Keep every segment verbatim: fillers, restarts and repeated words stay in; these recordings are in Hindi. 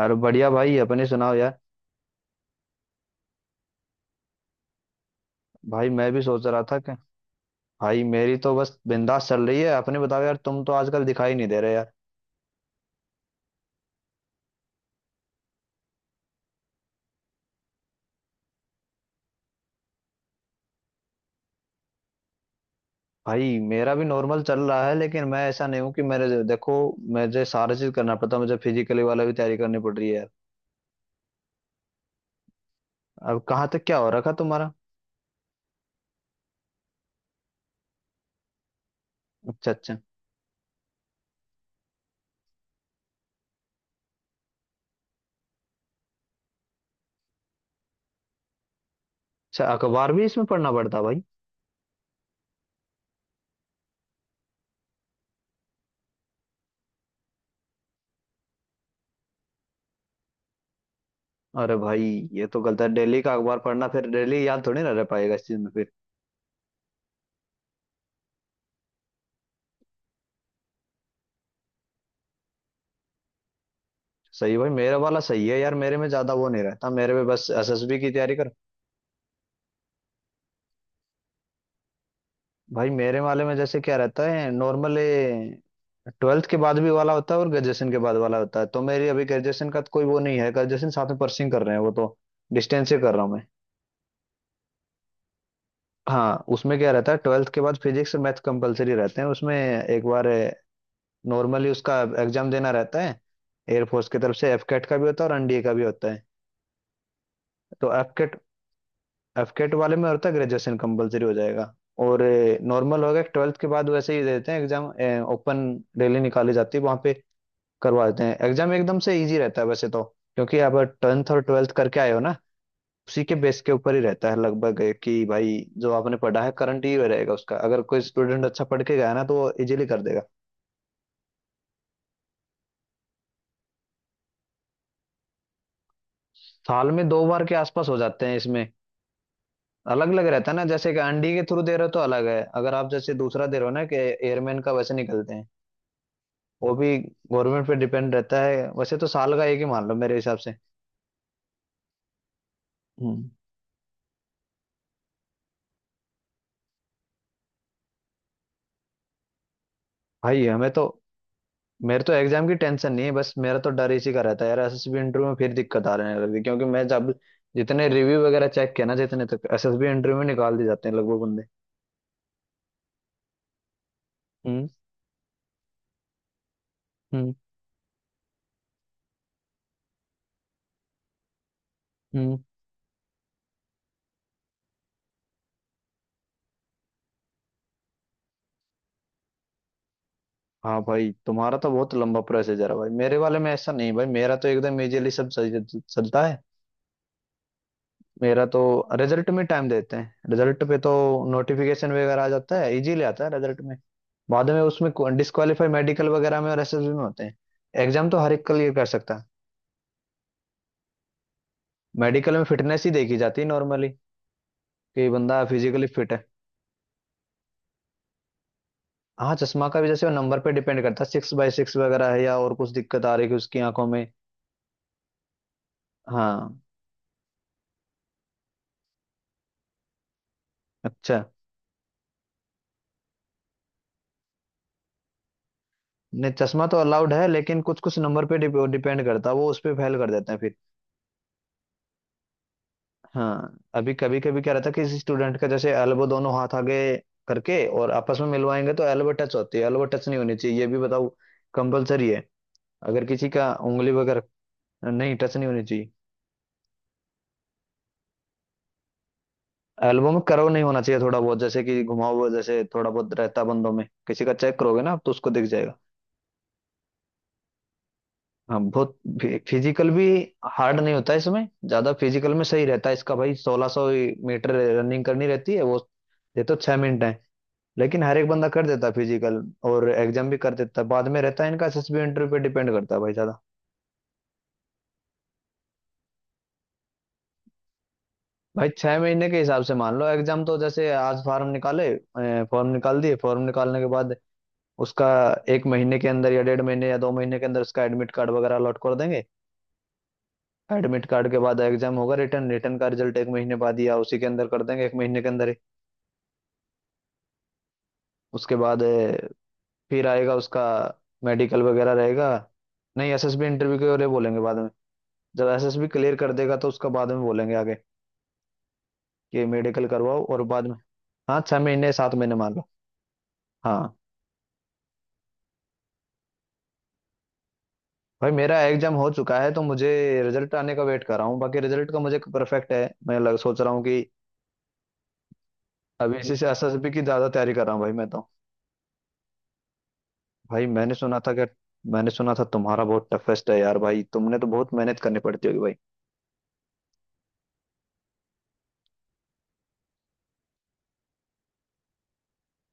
अरे बढ़िया भाई अपने सुनाओ यार। भाई मैं भी सोच रहा था कि भाई मेरी तो बस बिंदास चल रही है। अपने बताओ यार तुम तो आजकल दिखाई नहीं दे रहे यार। भाई मेरा भी नॉर्मल चल रहा है लेकिन मैं ऐसा नहीं हूँ कि मेरे देखो मुझे सारा चीज करना पड़ता है। मुझे फिजिकली वाला भी तैयारी करनी पड़ रही है यार। अब कहाँ तक क्या हो रखा तुम्हारा? अच्छा अच्छा। अच्छा अखबार भी इसमें पढ़ना पड़ता है भाई? अरे भाई ये तो गलत है डेली का अखबार पढ़ना फिर डेली याद थोड़ी ना रह पाएगा इस चीज में फिर। सही भाई मेरा वाला सही है यार मेरे में ज्यादा वो नहीं रहता मेरे में बस एस एस बी की तैयारी। भाई मेरे वाले में जैसे क्या रहता है नॉर्मली ट्वेल्थ के बाद भी वाला होता है और ग्रेजुएशन के बाद वाला होता है। तो मेरी अभी ग्रेजुएशन का तो कोई वो नहीं है ग्रेजुएशन साथ में परसिंग कर रहे हैं वो तो डिस्टेंस से कर रहा हूँ मैं। हाँ उसमें क्या रहता है ट्वेल्थ के बाद फिजिक्स और मैथ कंपलसरी रहते हैं उसमें। एक बार नॉर्मली उसका एग्जाम देना रहता है। एयरफोर्स की तरफ से एफकेट का भी होता है और एन डी ए का भी होता है। तो एफकेट एफकेट वाले में होता है ग्रेजुएशन कंपलसरी हो जाएगा। और नॉर्मल होगा ट्वेल्थ के बाद वैसे ही देते हैं एग्जाम ओपन। रैली निकाली जाती है वहाँ पे करवा देते हैं एग्जाम। एकदम से इजी रहता है वैसे तो क्योंकि आप टेंथ और ट्वेल्थ करके आए हो ना। उसी के बेस के ऊपर ही रहता है लगभग कि भाई जो आपने पढ़ा है करंट ही रहेगा उसका अगर कोई स्टूडेंट अच्छा पढ़ के गया ना तो वो इजीली कर देगा। साल में दो बार के आसपास हो जाते हैं इसमें। अलग अलग रहता है ना जैसे कि अंडी के थ्रू दे रहे हो तो अलग है अगर आप जैसे दूसरा दे रहे हो ना कि एयरमैन का वैसे निकलते हैं। वो भी गवर्नमेंट पे डिपेंड रहता है वैसे तो साल का एक ही मान लो मेरे हिसाब से। हम्म। भाई हमें तो मेरे तो एग्जाम की टेंशन नहीं है बस मेरा तो डर इसी का रहता है यार एस एस बी इंटरव्यू में फिर दिक्कत आ रही है क्योंकि मैं जब जितने रिव्यू वगैरह चेक किया ना जितने तक एस एस बी इंटरव्यू में निकाल दिए जाते हैं लगभग बंदे। हम्म। हम्म। हम्म। हाँ भाई तुम्हारा तो बहुत लंबा प्रोसीजर है भाई मेरे वाले में ऐसा नहीं भाई मेरा तो एकदम इजीली सब सही चलता है मेरा तो। रिजल्ट में टाइम देते हैं रिजल्ट पे तो नोटिफिकेशन वगैरह आ जाता है इजीली आता है रिजल्ट में। बाद में उसमें डिस्क्वालीफाई मेडिकल वगैरह में और एस एस बी में होते हैं। एग्जाम तो हर एक क्लियर कर सकता है। मेडिकल में फिटनेस ही देखी जाती है नॉर्मली कि बंदा फिजिकली फिट है। हाँ चश्मा का भी जैसे नंबर पे डिपेंड करता है सिक्स बाय सिक्स वगैरह है या और कुछ दिक्कत आ रही है उसकी आंखों में। हाँ। अच्छा नहीं चश्मा तो अलाउड है लेकिन कुछ कुछ नंबर पे डिप, डिपेंड करता है वो उस पे फेल कर देते हैं फिर। हाँ अभी कभी कभी क्या रहता है किसी स्टूडेंट का जैसे एल्बो दोनों हाथ आगे करके और आपस में मिलवाएंगे तो एल्बो टच होती है एल्बो टच नहीं होनी चाहिए ये भी बताओ। कंपलसरी है अगर किसी का उंगली वगैरह नहीं टच नहीं होनी चाहिए। एल्बम में कर्व नहीं होना चाहिए थोड़ा बहुत जैसे कि घुमाओ हुआ जैसे थोड़ा बहुत रहता बंदों में किसी का चेक करोगे ना आप तो उसको दिख जाएगा। हाँ बहुत फिजिकल भी हार्ड नहीं होता है इसमें ज्यादा फिजिकल में सही रहता है इसका। भाई सोलह सौ मीटर रनिंग करनी रहती है वो। ये तो छह मिनट है लेकिन हर एक बंदा कर देता है फिजिकल और एग्जाम भी कर देता है। बाद में रहता है इनका एस एस बी इंटरव्यू पे डिपेंड करता है भाई ज्यादा। भाई छह महीने के हिसाब से मान लो एग्जाम तो जैसे आज फॉर्म निकाले फॉर्म निकाल दिए फॉर्म निकालने के बाद उसका एक महीने के अंदर या डेढ़ महीने या दो महीने के अंदर उसका एडमिट कार्ड वगैरह अलॉट कर देंगे। एडमिट कार्ड के बाद एग्जाम होगा रिटर्न रिटर्न का रिजल्ट एक महीने बाद या उसी के अंदर कर देंगे एक महीने के अंदर ही। उसके बाद अ, फिर आएगा उसका मेडिकल वगैरह रहेगा। नहीं एस एस बी इंटरव्यू के लिए बोलेंगे बाद में। जब एस एस बी क्लियर कर देगा तो उसका बाद में बोलेंगे आगे कि मेडिकल करवाओ और बाद में। हाँ छह महीने सात महीने मान लो। हाँ भाई मेरा एग्जाम हो चुका है तो मुझे रिजल्ट आने का वेट कर रहा हूँ बाकी रिजल्ट का मुझे परफेक्ट है मैं लग सोच रहा हूँ कि अभी इसी से एस एस बी की ज्यादा तैयारी कर रहा हूँ भाई मैं तो। भाई मैंने सुना था कि मैंने सुना था तुम्हारा बहुत टफेस्ट है यार भाई तुमने तो बहुत मेहनत करनी पड़ती होगी भाई।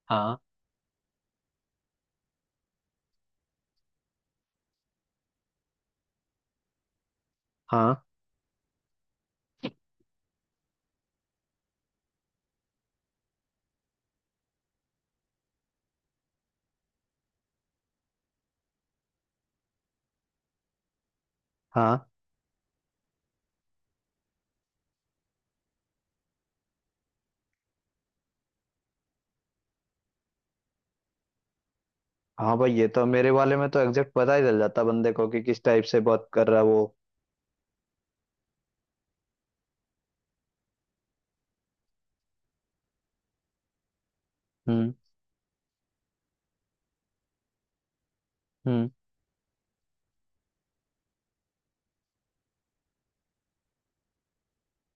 हाँ हाँ हाँ हाँ। भाई ये तो मेरे वाले में तो एग्जैक्ट पता ही चल जाता बंदे को कि किस टाइप से बात कर रहा है वो। हम्म। हम्म।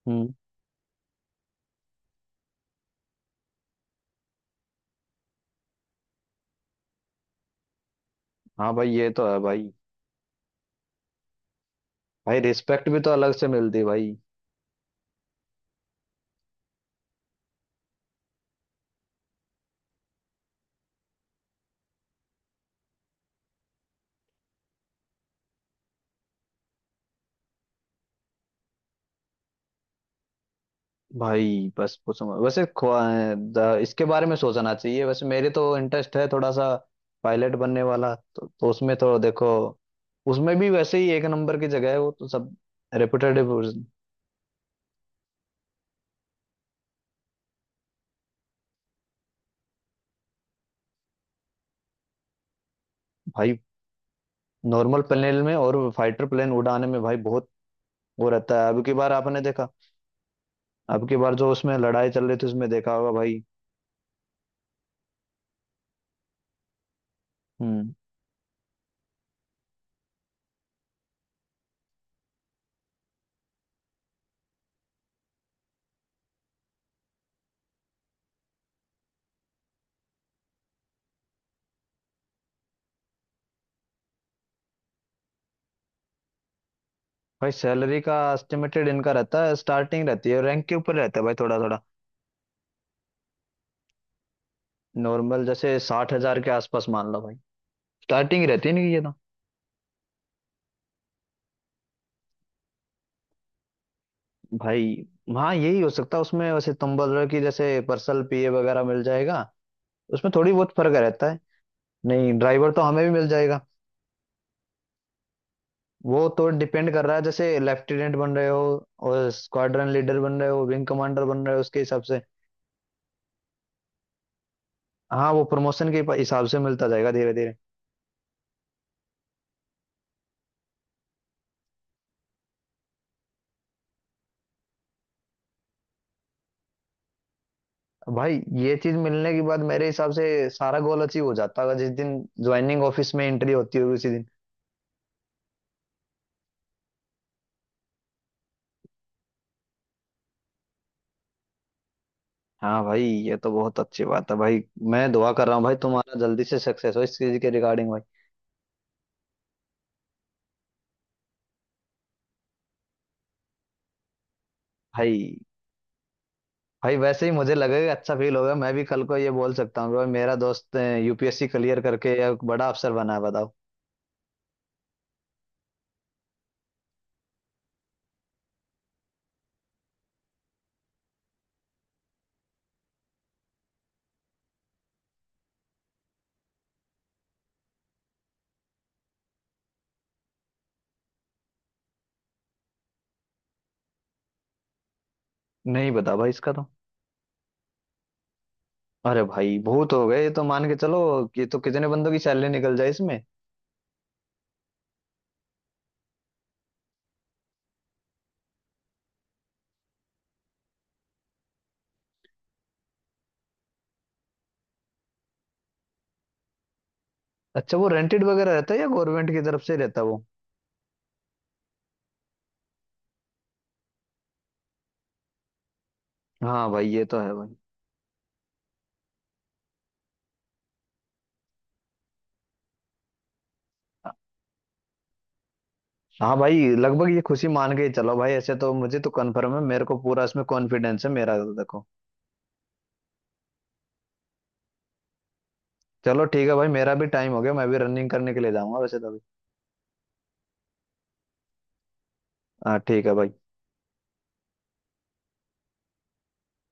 हम्म। हाँ भाई ये तो है भाई। भाई रिस्पेक्ट भी तो अलग से मिलती है भाई। भाई बस पूछो मत। वैसे ख्वा- द- इसके बारे में सोचना चाहिए वैसे मेरे तो इंटरेस्ट है थोड़ा सा। पायलट बनने वाला तो, तो उसमें तो देखो उसमें भी वैसे ही एक नंबर की जगह है वो तो सब रेपुटेड। भाई नॉर्मल प्लेन में और फाइटर प्लेन उड़ाने में भाई बहुत वो रहता है। अब की बार आपने देखा अब की बार जो उसमें लड़ाई चल रही थी उसमें देखा होगा भाई। हम्म। भाई सैलरी का एस्टिमेटेड इनका रहता है स्टार्टिंग रहती है रैंक के ऊपर रहता है भाई थोड़ा थोड़ा। नॉर्मल जैसे साठ हज़ार के आसपास मान लो भाई स्टार्टिंग रहती नहीं ये ना। भाई हाँ यही हो सकता है उसमें वैसे तुम बोल रहे हो कि जैसे पर्सनल पी ए वगैरह मिल जाएगा उसमें थोड़ी बहुत फर्क रहता है। नहीं ड्राइवर तो हमें भी मिल जाएगा। वो तो डिपेंड कर रहा है जैसे लेफ्टिनेंट बन रहे हो और स्क्वाड्रन लीडर बन रहे हो विंग कमांडर बन रहे हो उसके हिसाब से। हाँ वो प्रमोशन के हिसाब से मिलता जाएगा धीरे धीरे। भाई ये चीज मिलने के बाद मेरे हिसाब से सारा गोल अचीव हो जाता है जिस दिन ज्वाइनिंग ऑफिस में एंट्री होती होगी उसी दिन। हाँ भाई ये तो बहुत अच्छी बात है भाई। मैं दुआ कर रहा हूँ भाई तुम्हारा जल्दी से सक्सेस हो इस चीज के रिगार्डिंग भाई। भाई भाई वैसे ही मुझे लगेगा अच्छा फील होगा मैं भी कल को ये बोल सकता हूँ कि भाई मेरा दोस्त U P S C clear करके या बड़ा अफसर बना है बताओ। नहीं बता भाई इसका तो। अरे भाई बहुत हो गए ये तो मान के चलो। ये तो कितने बंदों की सैलरी निकल जाए इसमें। अच्छा वो रेंटेड वगैरह रहता है या गवर्नमेंट की तरफ से रहता है वो? हाँ भाई ये तो है भाई। हाँ भाई लगभग ये खुशी मान के ही चलो भाई ऐसे तो मुझे तो कंफर्म है मेरे को पूरा इसमें कॉन्फिडेंस है मेरा तो देखो। चलो ठीक है भाई मेरा भी टाइम हो गया मैं भी रनिंग करने के लिए जाऊंगा वैसे तो अभी। हाँ ठीक है भाई।